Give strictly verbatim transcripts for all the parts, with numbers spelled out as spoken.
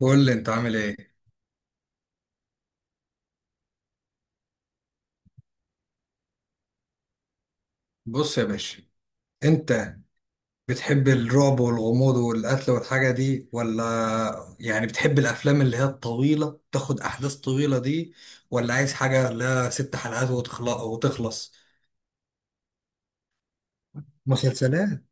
قول لي انت عامل ايه. بص يا باشا، انت بتحب الرعب والغموض والقتل والحاجه دي ولا يعني بتحب الافلام اللي هي الطويله تاخد احداث طويله دي، ولا عايز حاجه لها ست حلقات وتخلص وتخلص؟ مسلسلات.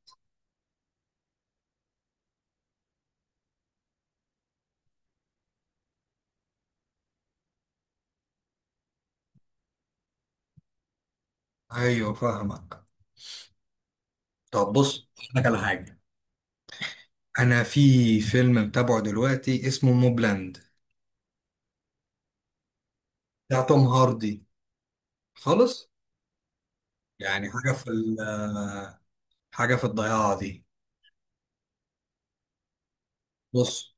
ايوه فاهمك. طب بص اقول لك على حاجه. انا في فيلم متابعه دلوقتي اسمه موبلاند، بتاع توم هاردي خالص. يعني حاجه في ال- حاجه في الضياع دي. بص،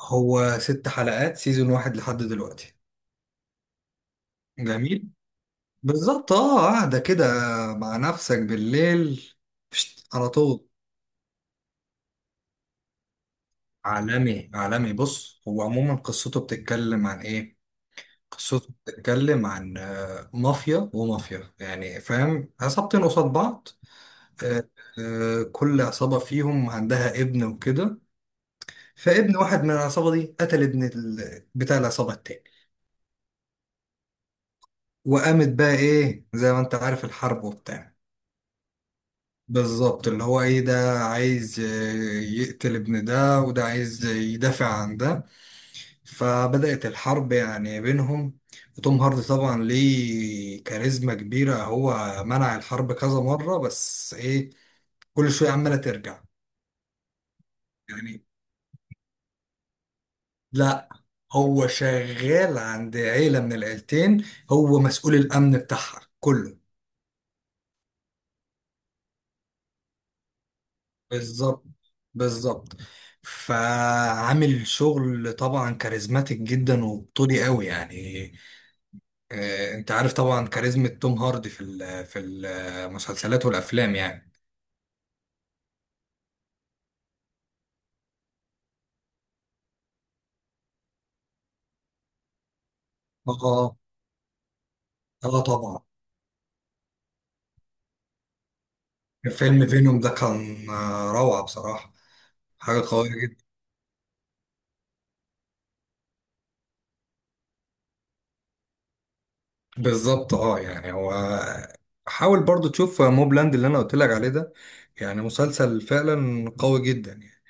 هو ست حلقات سيزون واحد لحد دلوقتي. جميل. بالظبط، اه، قاعدة كده مع نفسك بالليل فشت، على طول. عالمي عالمي. بص، هو عموما قصته بتتكلم عن ايه؟ قصته بتتكلم عن آه، مافيا ومافيا يعني فاهم، عصابتين قصاد بعض. آه، آه، كل عصابة فيهم عندها ابن وكده. فابن واحد من العصابة دي قتل ابن ال- بتاع العصابة التاني. وقامت بقى ايه زي ما انت عارف، الحرب وبتاع. بالظبط، اللي هو ايه، ده عايز ي- يقتل ابن ده، وده عايز يدافع عن ده. فبدأت الحرب يعني بينهم. وتوم هاردي طبعا ليه كاريزما كبيرة، هو منع الحرب كذا مرة، بس ايه، كل شوية عمالة ترجع يعني. لا، هو شغال عند عيلة من العيلتين، هو مسؤول الأمن بتاعها كله. بالظبط. بالظبط. فعامل شغل طبعا كاريزماتيك جدا وبطولي قوي يعني. آه، انت عارف طبعا كاريزما توم هاردي في ال- في المسلسلات والافلام يعني. اه. اه طبعا. فيلم فينوم ده كان آه، روعة بصراحة. حاجة قوية جدا. بالظبط، اه يعني هو، حاول برضو تشوف موبلاند اللي انا قلت لك عليه ده. يعني مسلسل فعلا قوي جدا يعني.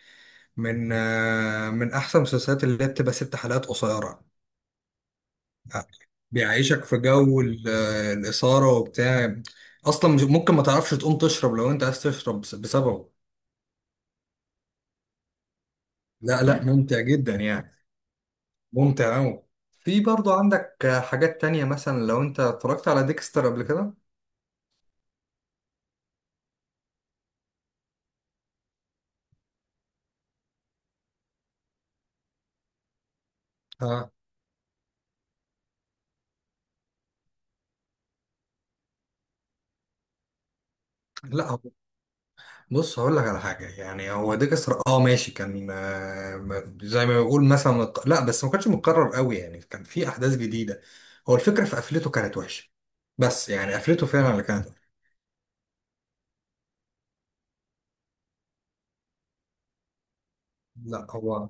من آه، من احسن المسلسلات اللي هي بتبقى ست حلقات قصيرة. بيعيشك في جو ال- الإثارة وبتاع. أصلا مش- ممكن ما تعرفش تقوم تشرب لو أنت عايز تشرب بس- بسببه. لا لا، مم. ممتع جدا يعني. ممتع أوي. في برضو عندك حاجات تانية، مثلا لو أنت اتفرجت على ديكستر قبل كده. آه. لا هو- بص هقول لك على حاجة. يعني هو ديكستر، اه، ماشي، كان آه، زي ما بيقول مثلا متق- لا بس ما كانش متكرر قوي يعني، كان في أحداث جديدة. هو الفكرة في قفلته كانت وحشة. بس يعني قفلته فعلا اللي كانت. لا هو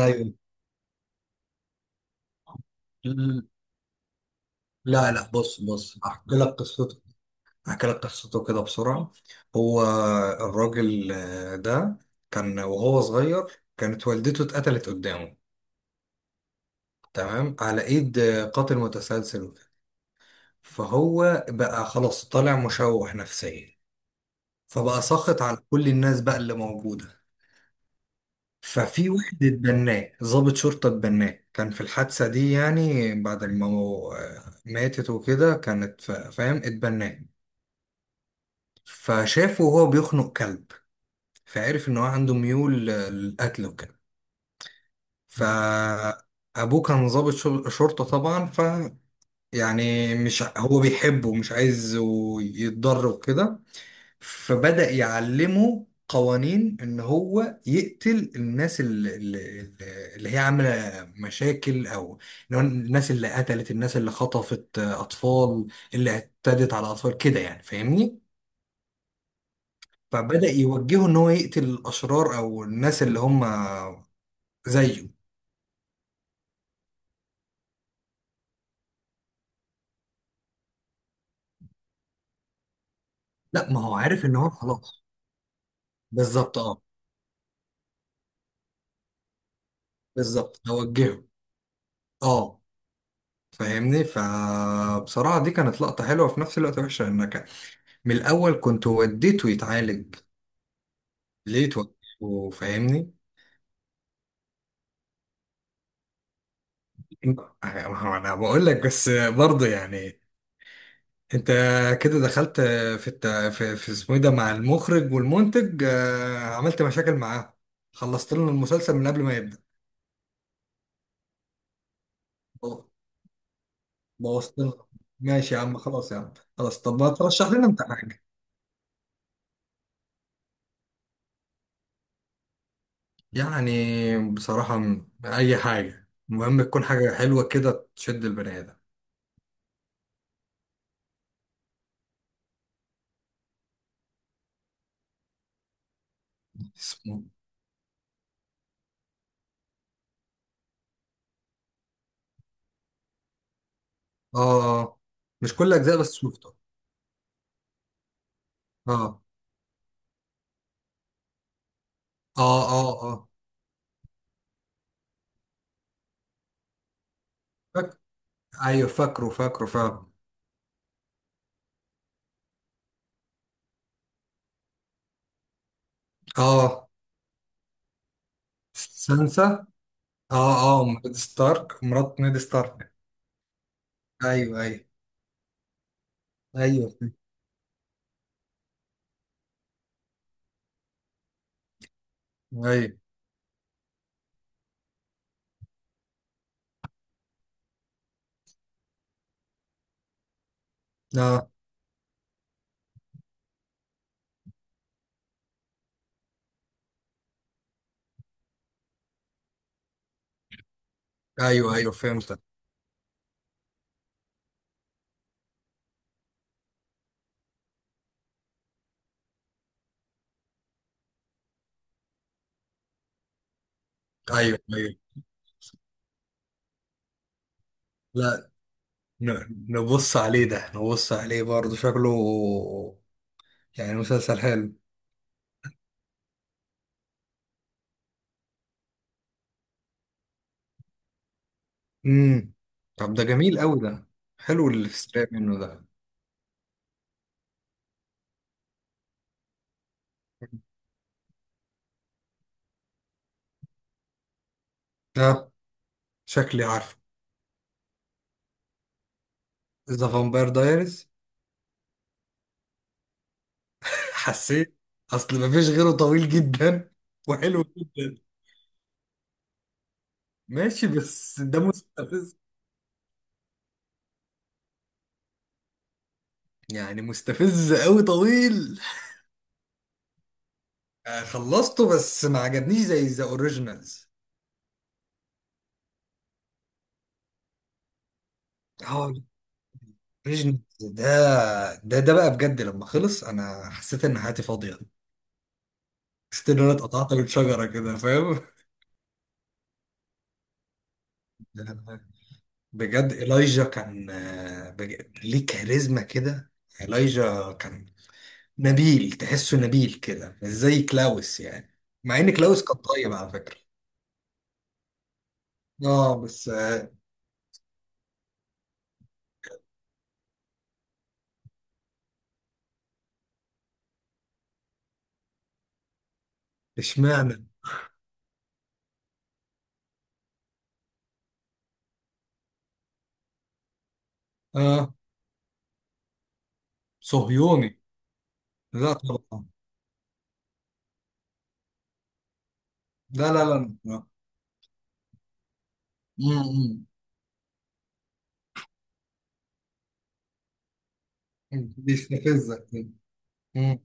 ايوه. مم. لا لا، بص بص احكي لك قصته. احكي لك قصته كده بسرعة. هو الراجل آه، ده، كان وهو صغير كانت والدته اتقتلت قدامه. تمام. على ايد آه، قاتل متسلسل وكده. فهو بقى خلاص طالع مشوه نفسيا، فبقى ساخط على كل الناس بقى اللي موجودة. ففي واحد اتبناه، ضابط شرطة اتبناه، كان في الحادثة دي يعني بعد ما مو- آه، ماتت وكده كانت فا- فاهم، اتبناه. فشافه وهو بيخنق كلب، فعرف ان هو عنده ميول للقتل وكده. فابوه كان ضابط شر- شرطة طبعا، ف يعني مش ع- هو بيحبه ومش عايز يتضر وكده. فبدأ يعلمه قوانين ان هو يقتل الناس اللي, اللي اللي هي عاملة مشاكل، او إن هو الناس اللي قتلت، الناس اللي خطفت اطفال، اللي اعتدت على اطفال كده يعني فاهمني. فبدأ يوجهه ان هو يقتل الاشرار، او الناس اللي هم زيه. لا، ما هو عارف ان هو خلاص. بالظبط اه. بالظبط، هوجهه. اه فاهمني. فبصراحة دي كانت لقطة حلوة في نفس الوقت وحشة، انك من الاول كنت وديته يتعالج. ليه توجهه، فاهمني. ما هو انا بقول لك بس. برضه يعني، انت كده دخلت في الت... في, في اسمه ايه ده، مع المخرج والمنتج آه، عملت مشاكل معاه، خلصت لنا المسلسل من قبل ما يبدأ. بوظت لنا. ماشي يا عم، خلاص يا عم، خلاص. طب ما ترشح لنا انت حاجة. يعني بصراحة م- أي حاجة المهم تكون حاجة حلوة كده تشد البني آدم. اسمه آه. مش كل أجزاء، بس شفته. آه آه آه. آه. فك... أيوه فاكره فاكره فاكره. آه. سانسا. آه آه، نيد ستارك، مرات نيد ستارك. أيوه أيوه. أيوه أيوه. آه. أيوه أيوه فهمتك. أيوه أيوه. لا، ن- نبص عليه ده، نبص عليه برضه، شكله يعني مسلسل حلو. امم. طب ده جميل قوي ده. حلو اللي في السريع منه ده. ده شكلي عارفه. ذا فامباير دايرز. حسيت. اصل مفيش غيره طويل جدا وحلو جدا. ماشي بس ده مستفز، يعني مستفز قوي، طويل. آه، خلصته، بس ما عجبنيش زي ذا اوريجينالز. اه. الاوريجينالز ده، ده ده بقى بجد لما خلص انا حسيت ان حياتي فاضيه. حسيت ان انا اتقطعت من شجره كده فاهم. بجد إيلايجا كان آه، بج... ليه كاريزما كده. إيلايجا كان نبيل، تحسه نبيل كده، مش زي كلاوس يعني. مع ان كلاوس كان طيب على فكرة. اه بس آه، اشمعنى. اه. صهيوني. لا طبعا. لا لا لا لا. امم. بيستفزك. امم.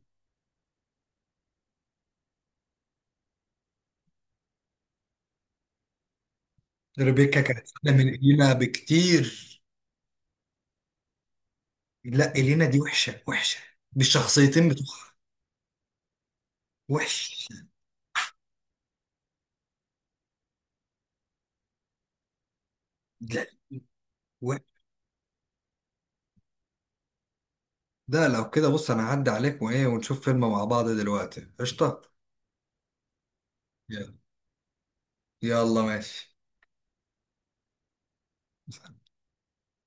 ريبيكا كانت احلى من إلينا بكتير. لا، إلينا دي وحشة وحشة بالشخصيتين بتوعها. وحش. لا. و- ده لو كده، بص انا هعدي عليك وايه، ونشوف فيلم مع بعض دلوقتي قشطة. يلا. يلا ماشي.